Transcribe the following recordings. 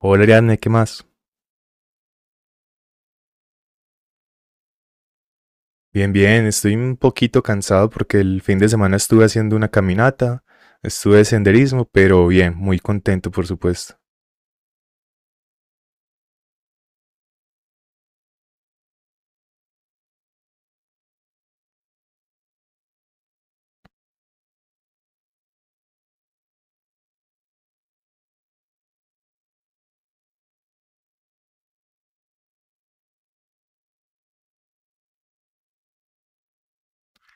Hola Ariadne, ¿qué más? Bien, bien, estoy un poquito cansado porque el fin de semana estuve haciendo una caminata, estuve de senderismo, pero bien, muy contento, por supuesto.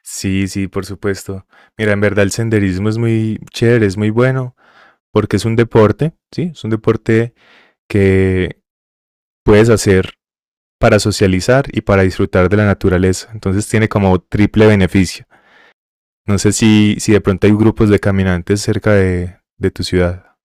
Sí, sí, por supuesto. Mira, en verdad el senderismo es muy chévere, es muy bueno, porque es un deporte, ¿sí? Es un deporte que puedes hacer para socializar y para disfrutar de la naturaleza. Entonces tiene como triple beneficio. No sé si de pronto hay grupos de caminantes cerca de tu ciudad.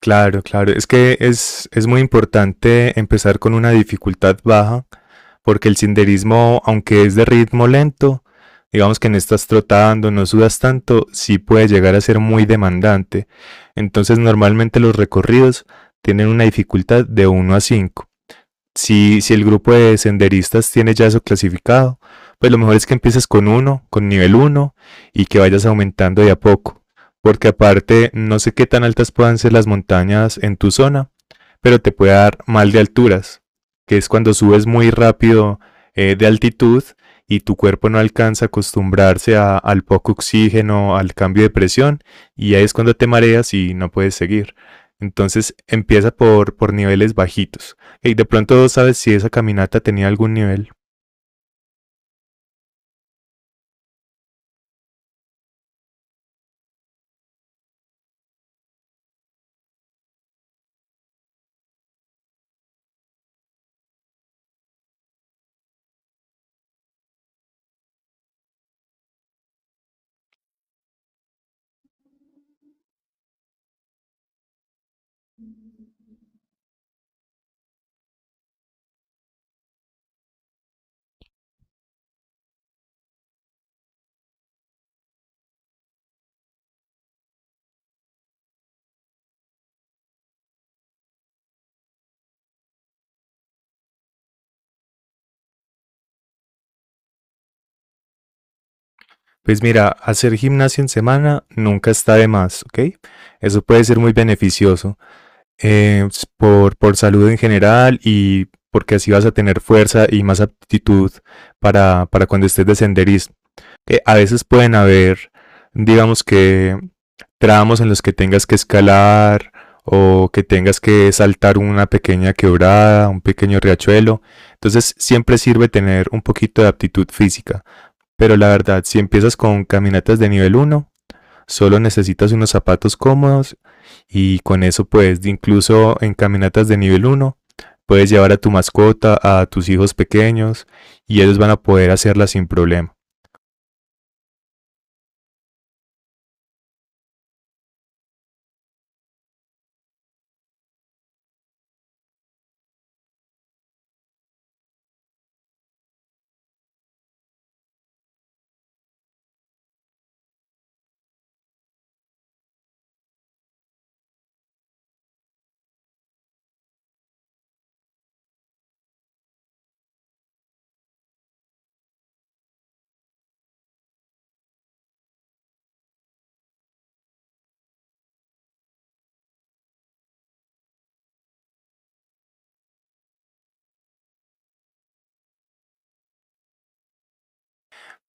Claro, claro. Es que es muy importante empezar con una dificultad baja, porque el senderismo, aunque es de ritmo lento, digamos que no estás trotando, no sudas tanto, sí puede llegar a ser muy demandante. Entonces, normalmente los recorridos tienen una dificultad de uno a 5. Si el grupo de senderistas tiene ya eso clasificado, pues lo mejor es que empieces con uno, con nivel uno, y que vayas aumentando de a poco. Porque aparte, no sé qué tan altas puedan ser las montañas en tu zona, pero te puede dar mal de alturas, que es cuando subes muy rápido de altitud y tu cuerpo no alcanza a acostumbrarse al poco oxígeno, al cambio de presión, y ahí es cuando te mareas y no puedes seguir. Entonces empieza por niveles bajitos. Y de pronto sabes si esa caminata tenía algún nivel. Pues mira, hacer gimnasio en semana nunca está de más, ¿ok? Eso puede ser muy beneficioso. eh, por salud en general y porque así vas a tener fuerza y más aptitud para cuando estés de senderismo. A veces pueden haber, digamos que, tramos en los que tengas que escalar o que tengas que saltar una pequeña quebrada, un pequeño riachuelo. Entonces siempre sirve tener un poquito de aptitud física. Pero la verdad, si empiezas con caminatas de nivel uno solo necesitas unos zapatos cómodos y con eso pues incluso en caminatas de nivel uno puedes llevar a tu mascota, a tus hijos pequeños y ellos van a poder hacerla sin problema.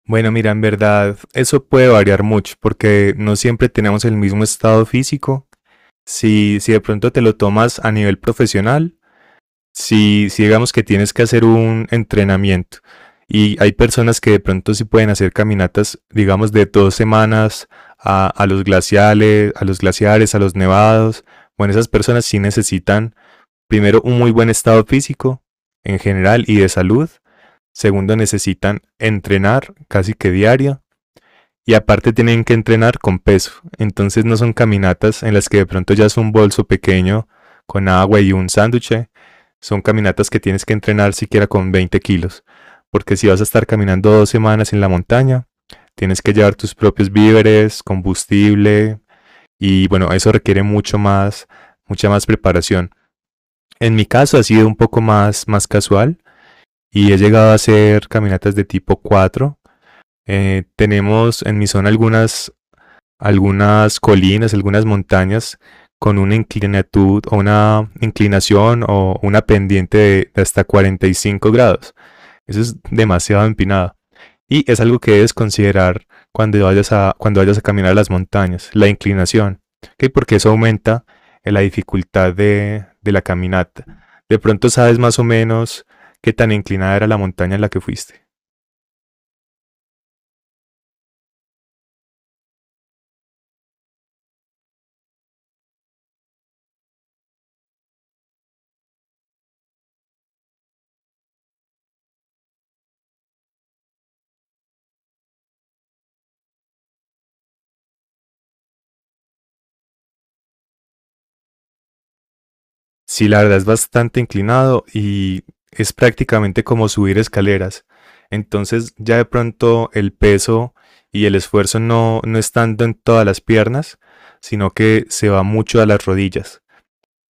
Bueno, mira, en verdad eso puede variar mucho porque no siempre tenemos el mismo estado físico. Si de pronto te lo tomas a nivel profesional, si digamos que tienes que hacer un entrenamiento y hay personas que de pronto sí pueden hacer caminatas, digamos, de 2 semanas a los glaciales, a los glaciares, a los nevados. Bueno, esas personas sí necesitan primero un muy buen estado físico en general y de salud. Segundo, necesitan entrenar casi que diario. Y aparte tienen que entrenar con peso. Entonces no son caminatas en las que de pronto ya es un bolso pequeño con agua y un sándwich. Son caminatas que tienes que entrenar siquiera con 20 kilos. Porque si vas a estar caminando 2 semanas en la montaña, tienes que llevar tus propios víveres, combustible. Y bueno, eso requiere mucho más, mucha más preparación. En mi caso ha sido un poco más, más casual y he llegado a hacer caminatas de tipo cuatro. Tenemos en mi zona algunas colinas, algunas montañas con una inclinatud o una inclinación o una pendiente de hasta 45 grados. Eso es demasiado empinado. Y es algo que debes considerar cuando vayas a caminar a las montañas, la inclinación, ¿okay? Porque eso aumenta la dificultad de la caminata. De pronto sabes más o menos qué tan inclinada era la montaña en la que fuiste. Sí, la verdad es bastante inclinado y es prácticamente como subir escaleras. Entonces ya de pronto el peso y el esfuerzo no, no es tanto en todas las piernas, sino que se va mucho a las rodillas.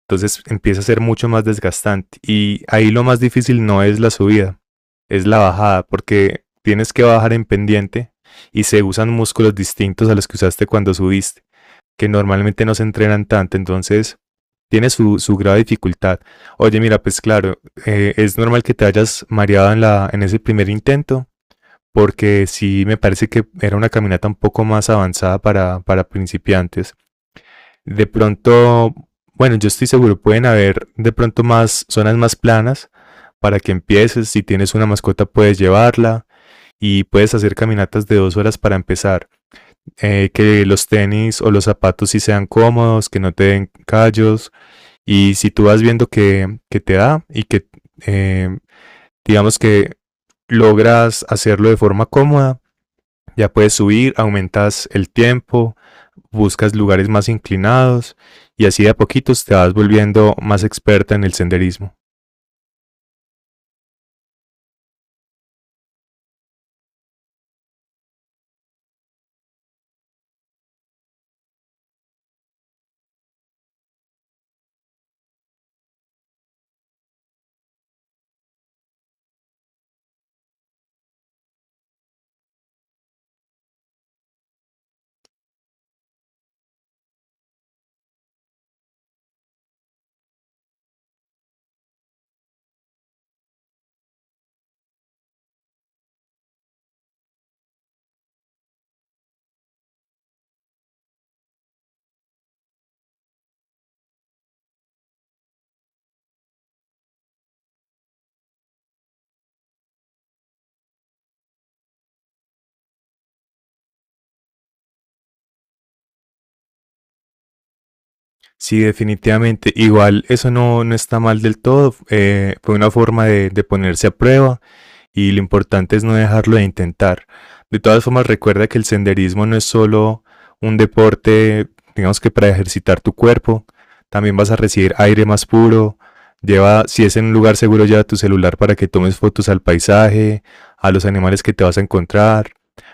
Entonces empieza a ser mucho más desgastante. Y ahí lo más difícil no es la subida, es la bajada, porque tienes que bajar en pendiente y se usan músculos distintos a los que usaste cuando subiste, que normalmente no se entrenan tanto. Entonces tiene su grave dificultad. Oye, mira, pues claro, es normal que te hayas mareado en ese primer intento, porque sí me parece que era una caminata un poco más avanzada para principiantes. De pronto, bueno, yo estoy seguro, pueden haber de pronto más zonas más planas para que empieces. Si tienes una mascota, puedes llevarla y puedes hacer caminatas de 2 horas para empezar. Que los tenis o los zapatos sí sean cómodos, que no te den callos, y si tú vas viendo que te da y que eh, digamos que logras hacerlo de forma cómoda, ya puedes subir, aumentas el tiempo, buscas lugares más inclinados y así de a poquitos te vas volviendo más experta en el senderismo. Sí, definitivamente. Igual eso no, no está mal del todo. Fue una forma de ponerse a prueba y lo importante es no dejarlo de intentar. De todas formas, recuerda que el senderismo no es solo un deporte, digamos que para ejercitar tu cuerpo, también vas a recibir aire más puro. Lleva, si es en un lugar seguro, lleva tu celular para que tomes fotos al paisaje, a los animales que te vas a encontrar.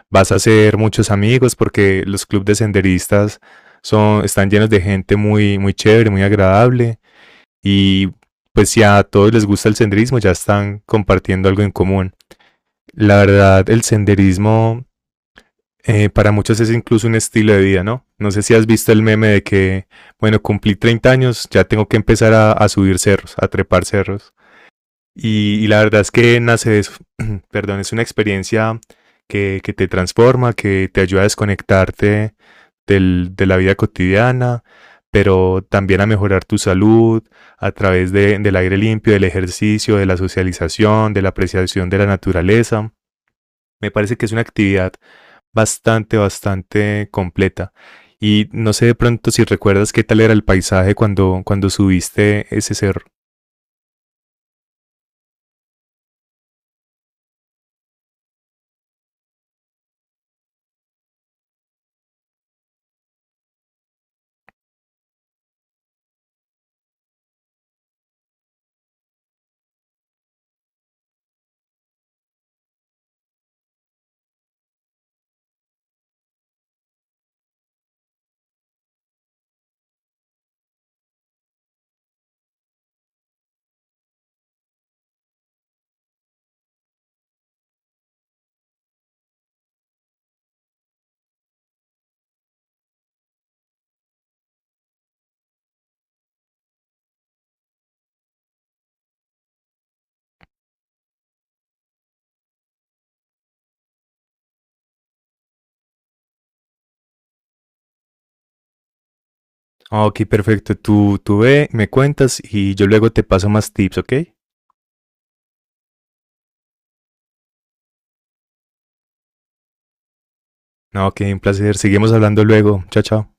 Vas a hacer muchos amigos porque los clubes de senderistas son, están llenos de gente muy, muy chévere, muy agradable. Y pues si a todos les gusta el senderismo, ya están compartiendo algo en común. La verdad, el senderismo para muchos es incluso un estilo de vida, ¿no? No sé si has visto el meme de que, bueno, cumplí 30 años, ya tengo que empezar a subir cerros, a trepar cerros. Y la verdad es que nace de eso, perdón, es una experiencia que te transforma, que te ayuda a desconectarte de la vida cotidiana, pero también a mejorar tu salud a través del aire limpio, del ejercicio, de la socialización, de la apreciación de la naturaleza. Me parece que es una actividad bastante, bastante completa. Y no sé de pronto si recuerdas qué tal era el paisaje cuando subiste ese cerro. Ah, ok, perfecto. Tú ve, me cuentas y yo luego te paso más tips, ¿ok? No, ok, un placer. Seguimos hablando luego. Chao, chao.